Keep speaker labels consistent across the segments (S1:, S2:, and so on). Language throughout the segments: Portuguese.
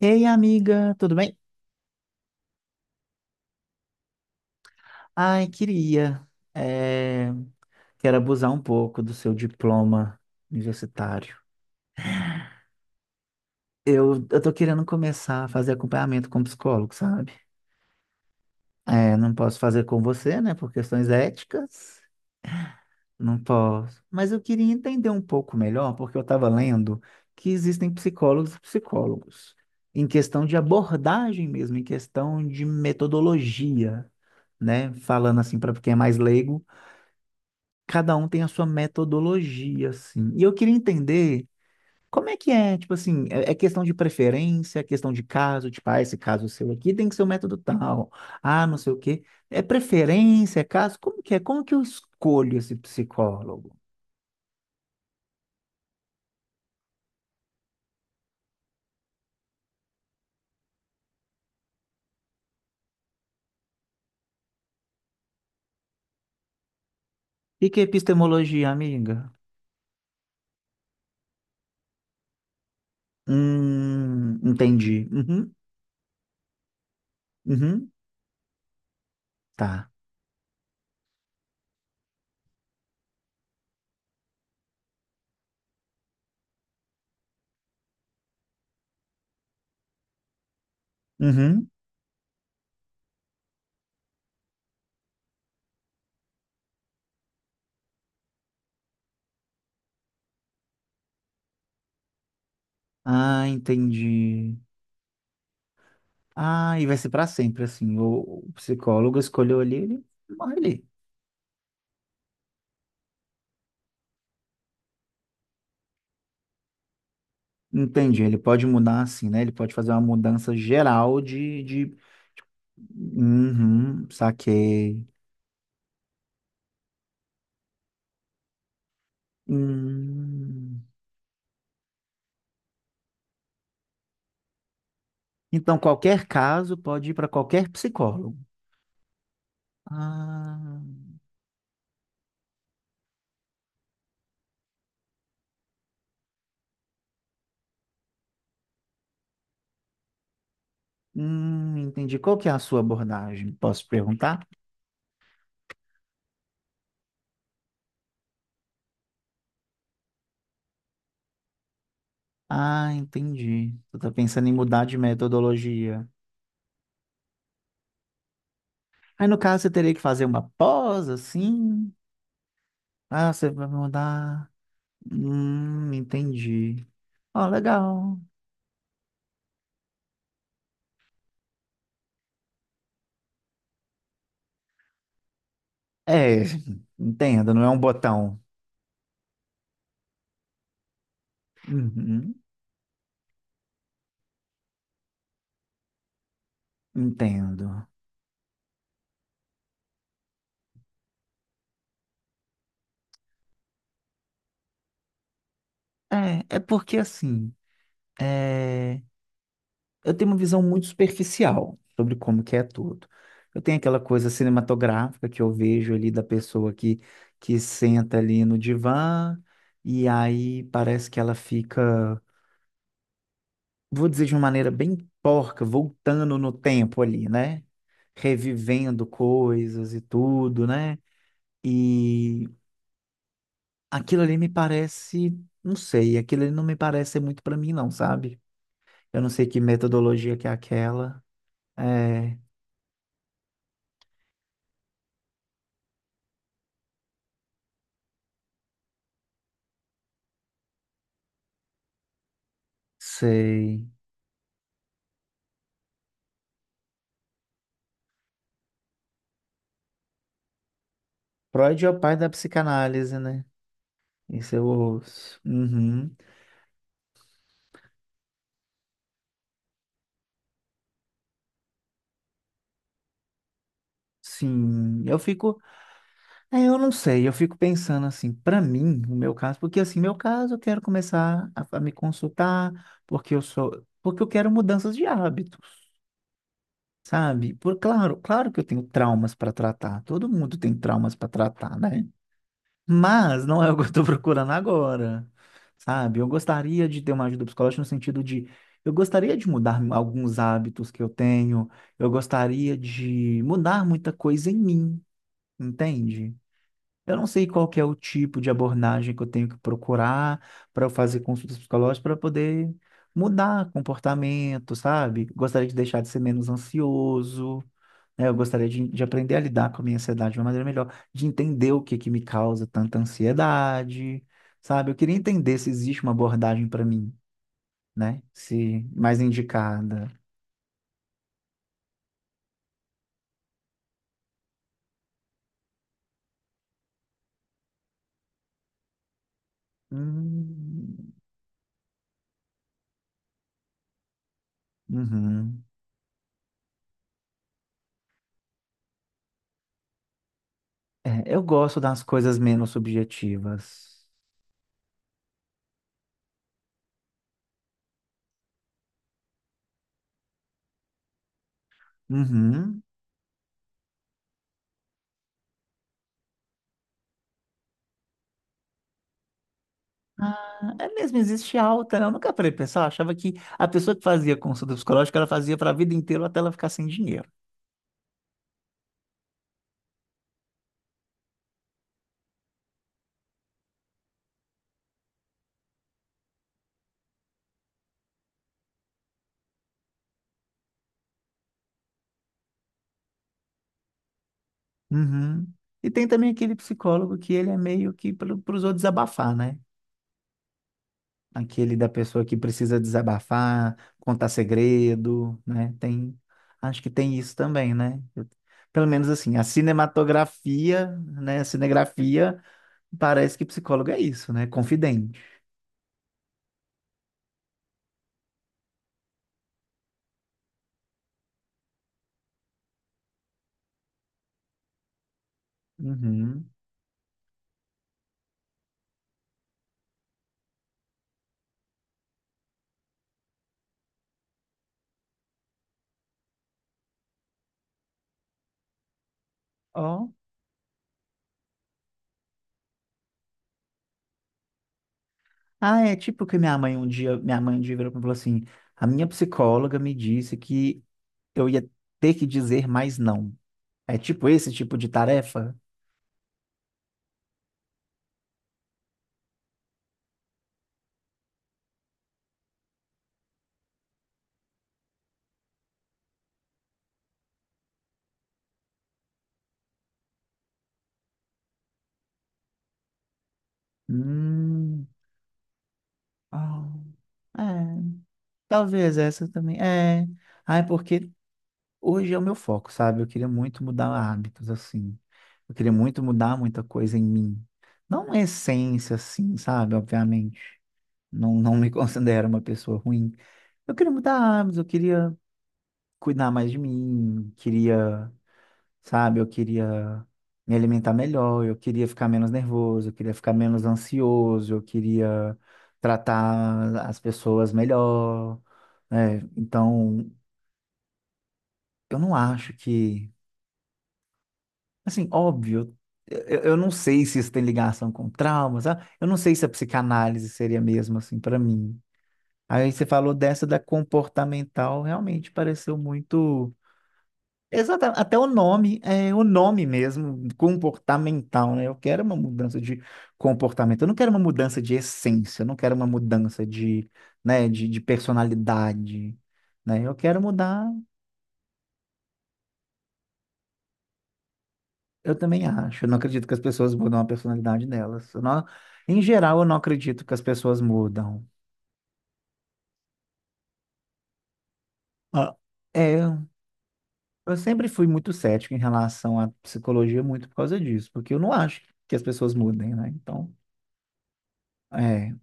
S1: Ei, amiga, tudo bem? Ai, queria. eh, Quero abusar um pouco do seu diploma universitário. Eu tô querendo começar a fazer acompanhamento com psicólogo, sabe? É, não posso fazer com você, né, por questões éticas. Não posso. Mas eu queria entender um pouco melhor, porque eu estava lendo que existem psicólogos e psicólogos, em questão de abordagem mesmo, em questão de metodologia, né? Falando assim para quem é mais leigo. Cada um tem a sua metodologia, assim. E eu queria entender como é que é, tipo assim, é questão de preferência, é questão de caso, tipo, ah, esse caso seu aqui tem que ser o método tal, ah, não sei o quê. É preferência, é caso? Como que é? Como que eu escolho esse psicólogo? E que é epistemologia, amiga? Entendi. Uhum, uhum, tá. Uhum. Ah, entendi. Ah, e vai ser para sempre, assim. O psicólogo escolheu ali, ele morre ali. Entendi, ele pode mudar assim, né? Ele pode fazer uma mudança geral de... Uhum, saquei. Hum. Então, qualquer caso pode ir para qualquer psicólogo. Ah, entendi. Qual que é a sua abordagem? Posso perguntar? Ah, entendi. Você está pensando em mudar de metodologia. Aí, no caso, você teria que fazer uma pós, assim? Ah, você vai mudar. Entendi. Ó, legal. É, entendo, não é um botão. Uhum, entendo. É, é porque assim, é, eu tenho uma visão muito superficial sobre como que é tudo. Eu tenho aquela coisa cinematográfica que eu vejo ali da pessoa que senta ali no divã e aí parece que ela fica, vou dizer de uma maneira bem porca, voltando no tempo ali, né? Revivendo coisas e tudo, né? Aquilo ali me parece, não sei, aquilo ali não me parece ser muito para mim, não, sabe? Eu não sei que metodologia que é aquela. É, sei. Freud é o pai da psicanálise, né? Isso eu ouço. Uhum. Sim, eu fico. É, eu não sei, eu fico pensando assim, para mim, o meu caso, porque assim, meu caso, eu quero começar a me consultar, porque eu sou. Porque eu quero mudanças de hábitos, sabe? Por claro, claro que eu tenho traumas para tratar. Todo mundo tem traumas para tratar, né? Mas não é o que eu estou procurando agora, sabe? Eu gostaria de ter uma ajuda psicológica no sentido de eu gostaria de mudar alguns hábitos que eu tenho, eu gostaria de mudar muita coisa em mim, entende? Eu não sei qual que é o tipo de abordagem que eu tenho que procurar para eu fazer consultas psicológicas para poder mudar comportamento, sabe? Gostaria de deixar de ser menos ansioso, né? Eu gostaria de aprender a lidar com a minha ansiedade de uma maneira melhor, de entender o que que me causa tanta ansiedade, sabe? Eu queria entender se existe uma abordagem para mim, né? Se mais indicada. Hum, uhum. É, eu gosto das coisas menos subjetivas. Uhum. Ah, é mesmo, existe alta, né? Eu nunca parei pra pensar, eu achava que a pessoa que fazia consulta psicológica, ela fazia para a vida inteira até ela ficar sem dinheiro. Uhum. E tem também aquele psicólogo que ele é meio que para os outros desabafar, né? Aquele da pessoa que precisa desabafar, contar segredo, né? Tem, acho que tem isso também, né? Eu- pelo menos assim, a cinematografia, né? A cinegrafia parece que psicólogo é isso, né? Confidente. Uhum. Ó. Ah, é tipo que minha mãe um dia, minha mãe um dia virou para mim e falou assim: a minha psicóloga me disse que eu ia ter que dizer mais não. É tipo esse tipo de tarefa? Hum, ah, é, talvez essa também. É, ah, é porque hoje é o meu foco, sabe? Eu queria muito mudar hábitos, assim. Eu queria muito mudar muita coisa em mim. Não uma essência, assim, sabe? Obviamente. Não, não me considero uma pessoa ruim. Eu queria mudar hábitos, eu queria cuidar mais de mim, queria, sabe? Eu queria me alimentar melhor, eu queria ficar menos nervoso, eu queria ficar menos ansioso, eu queria tratar as pessoas melhor, né? Então, eu não acho que, assim, óbvio, eu não sei se isso tem ligação com traumas, sabe? Eu não sei se a psicanálise seria mesmo assim para mim. Aí você falou dessa da comportamental, realmente pareceu muito. Exatamente, até o nome, é o nome mesmo, comportamental, né? Eu quero uma mudança de comportamento, eu não quero uma mudança de essência, eu não quero uma mudança né, de personalidade, né? Eu quero mudar, eu também acho, eu não acredito que as pessoas mudam a personalidade delas. Eu não- em geral, eu não acredito que as pessoas mudam. Ah, é, eu sempre fui muito cético em relação à psicologia, muito por causa disso, porque eu não acho que as pessoas mudem, né? Então, é.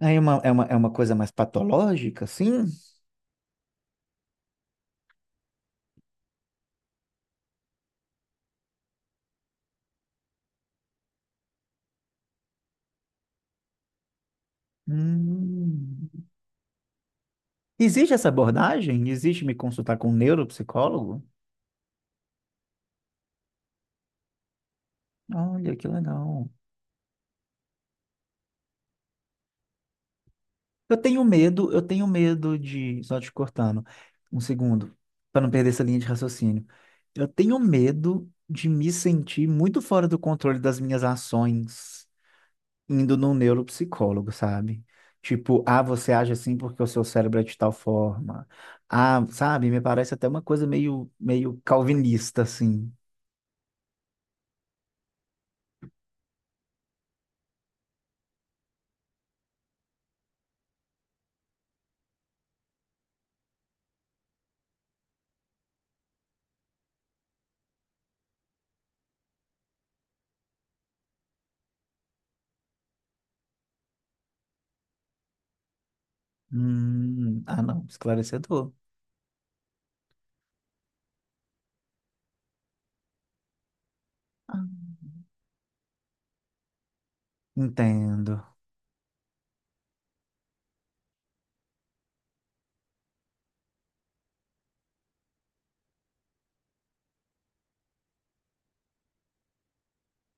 S1: Aí é uma, é uma coisa mais patológica, assim? Hum. Existe essa abordagem? Existe me consultar com um neuropsicólogo? Olha, que legal. Eu tenho medo de. Só te cortando, um segundo, para não perder essa linha de raciocínio. Eu tenho medo de me sentir muito fora do controle das minhas ações indo num neuropsicólogo, sabe? Tipo, ah, você age assim porque o seu cérebro é de tal forma. Ah, sabe? Me parece até uma coisa meio, meio calvinista, assim. Ah, não, esclarecedor. Ah, entendo,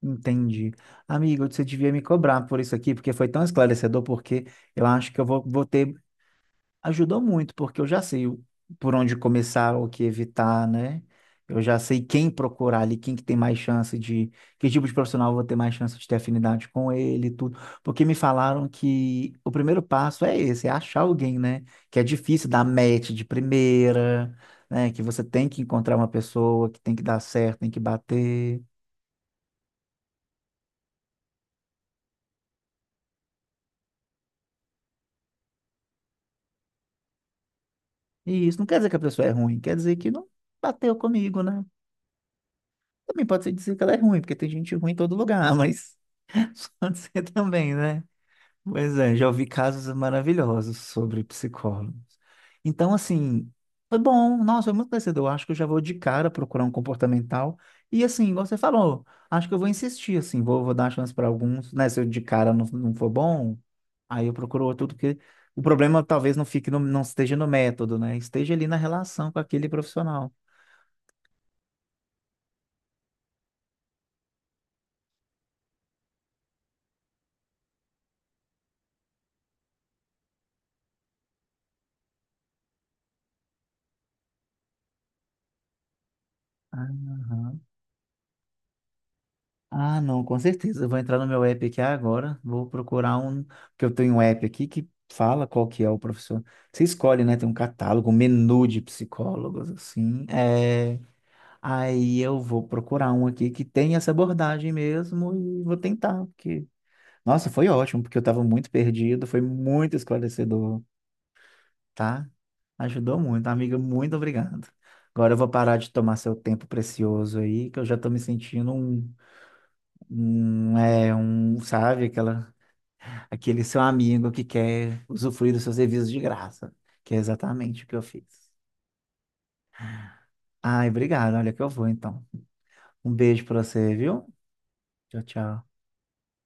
S1: entendi. Amigo, você devia me cobrar por isso aqui, porque foi tão esclarecedor, porque eu acho que eu vou ter ajudou muito, porque eu já sei o- por onde começar, o que evitar, né? Eu já sei quem procurar ali, quem que tem mais chance de... Que tipo de profissional eu vou ter mais chance de ter afinidade com ele e tudo. Porque me falaram que o primeiro passo é esse, é achar alguém, né? Que é difícil dar match de primeira, né? Que você tem que encontrar uma pessoa, que tem que dar certo, tem que bater. E isso não quer dizer que a pessoa é ruim, quer dizer que não bateu comigo, né? Também pode ser dizer que ela é ruim, porque tem gente ruim em todo lugar, mas... Pode ser também, né? Pois é, já ouvi casos maravilhosos sobre psicólogos. Então, assim, foi bom, nossa, foi muito conhecedor. Acho que eu já vou de cara procurar um comportamental. E assim, igual você falou, acho que eu vou insistir, assim, vou dar chance para alguns, né? Se eu de cara não for bom, aí eu procuro outro, porque o problema talvez não fique no, não esteja no método, né? Esteja ali na relação com aquele profissional. Aham. Ah, não, com certeza. Eu vou entrar no meu app aqui agora. Vou procurar um. Porque eu tenho um app aqui que fala qual que é o professor. Você escolhe, né? Tem um catálogo, um menu de psicólogos, assim. É... aí eu vou procurar um aqui que tem essa abordagem mesmo e vou tentar. Porque... nossa, foi ótimo, porque eu estava muito perdido. Foi muito esclarecedor, tá? Ajudou muito. Amiga, muito obrigado. Agora eu vou parar de tomar seu tempo precioso aí, que eu já estou me sentindo um. Um, é um, sabe, aquela, aquele seu amigo que quer usufruir dos seus serviços de graça, que é exatamente o que eu fiz. Ai, obrigado, olha que eu vou então. Um beijo pra você, viu? Tchau, tchau.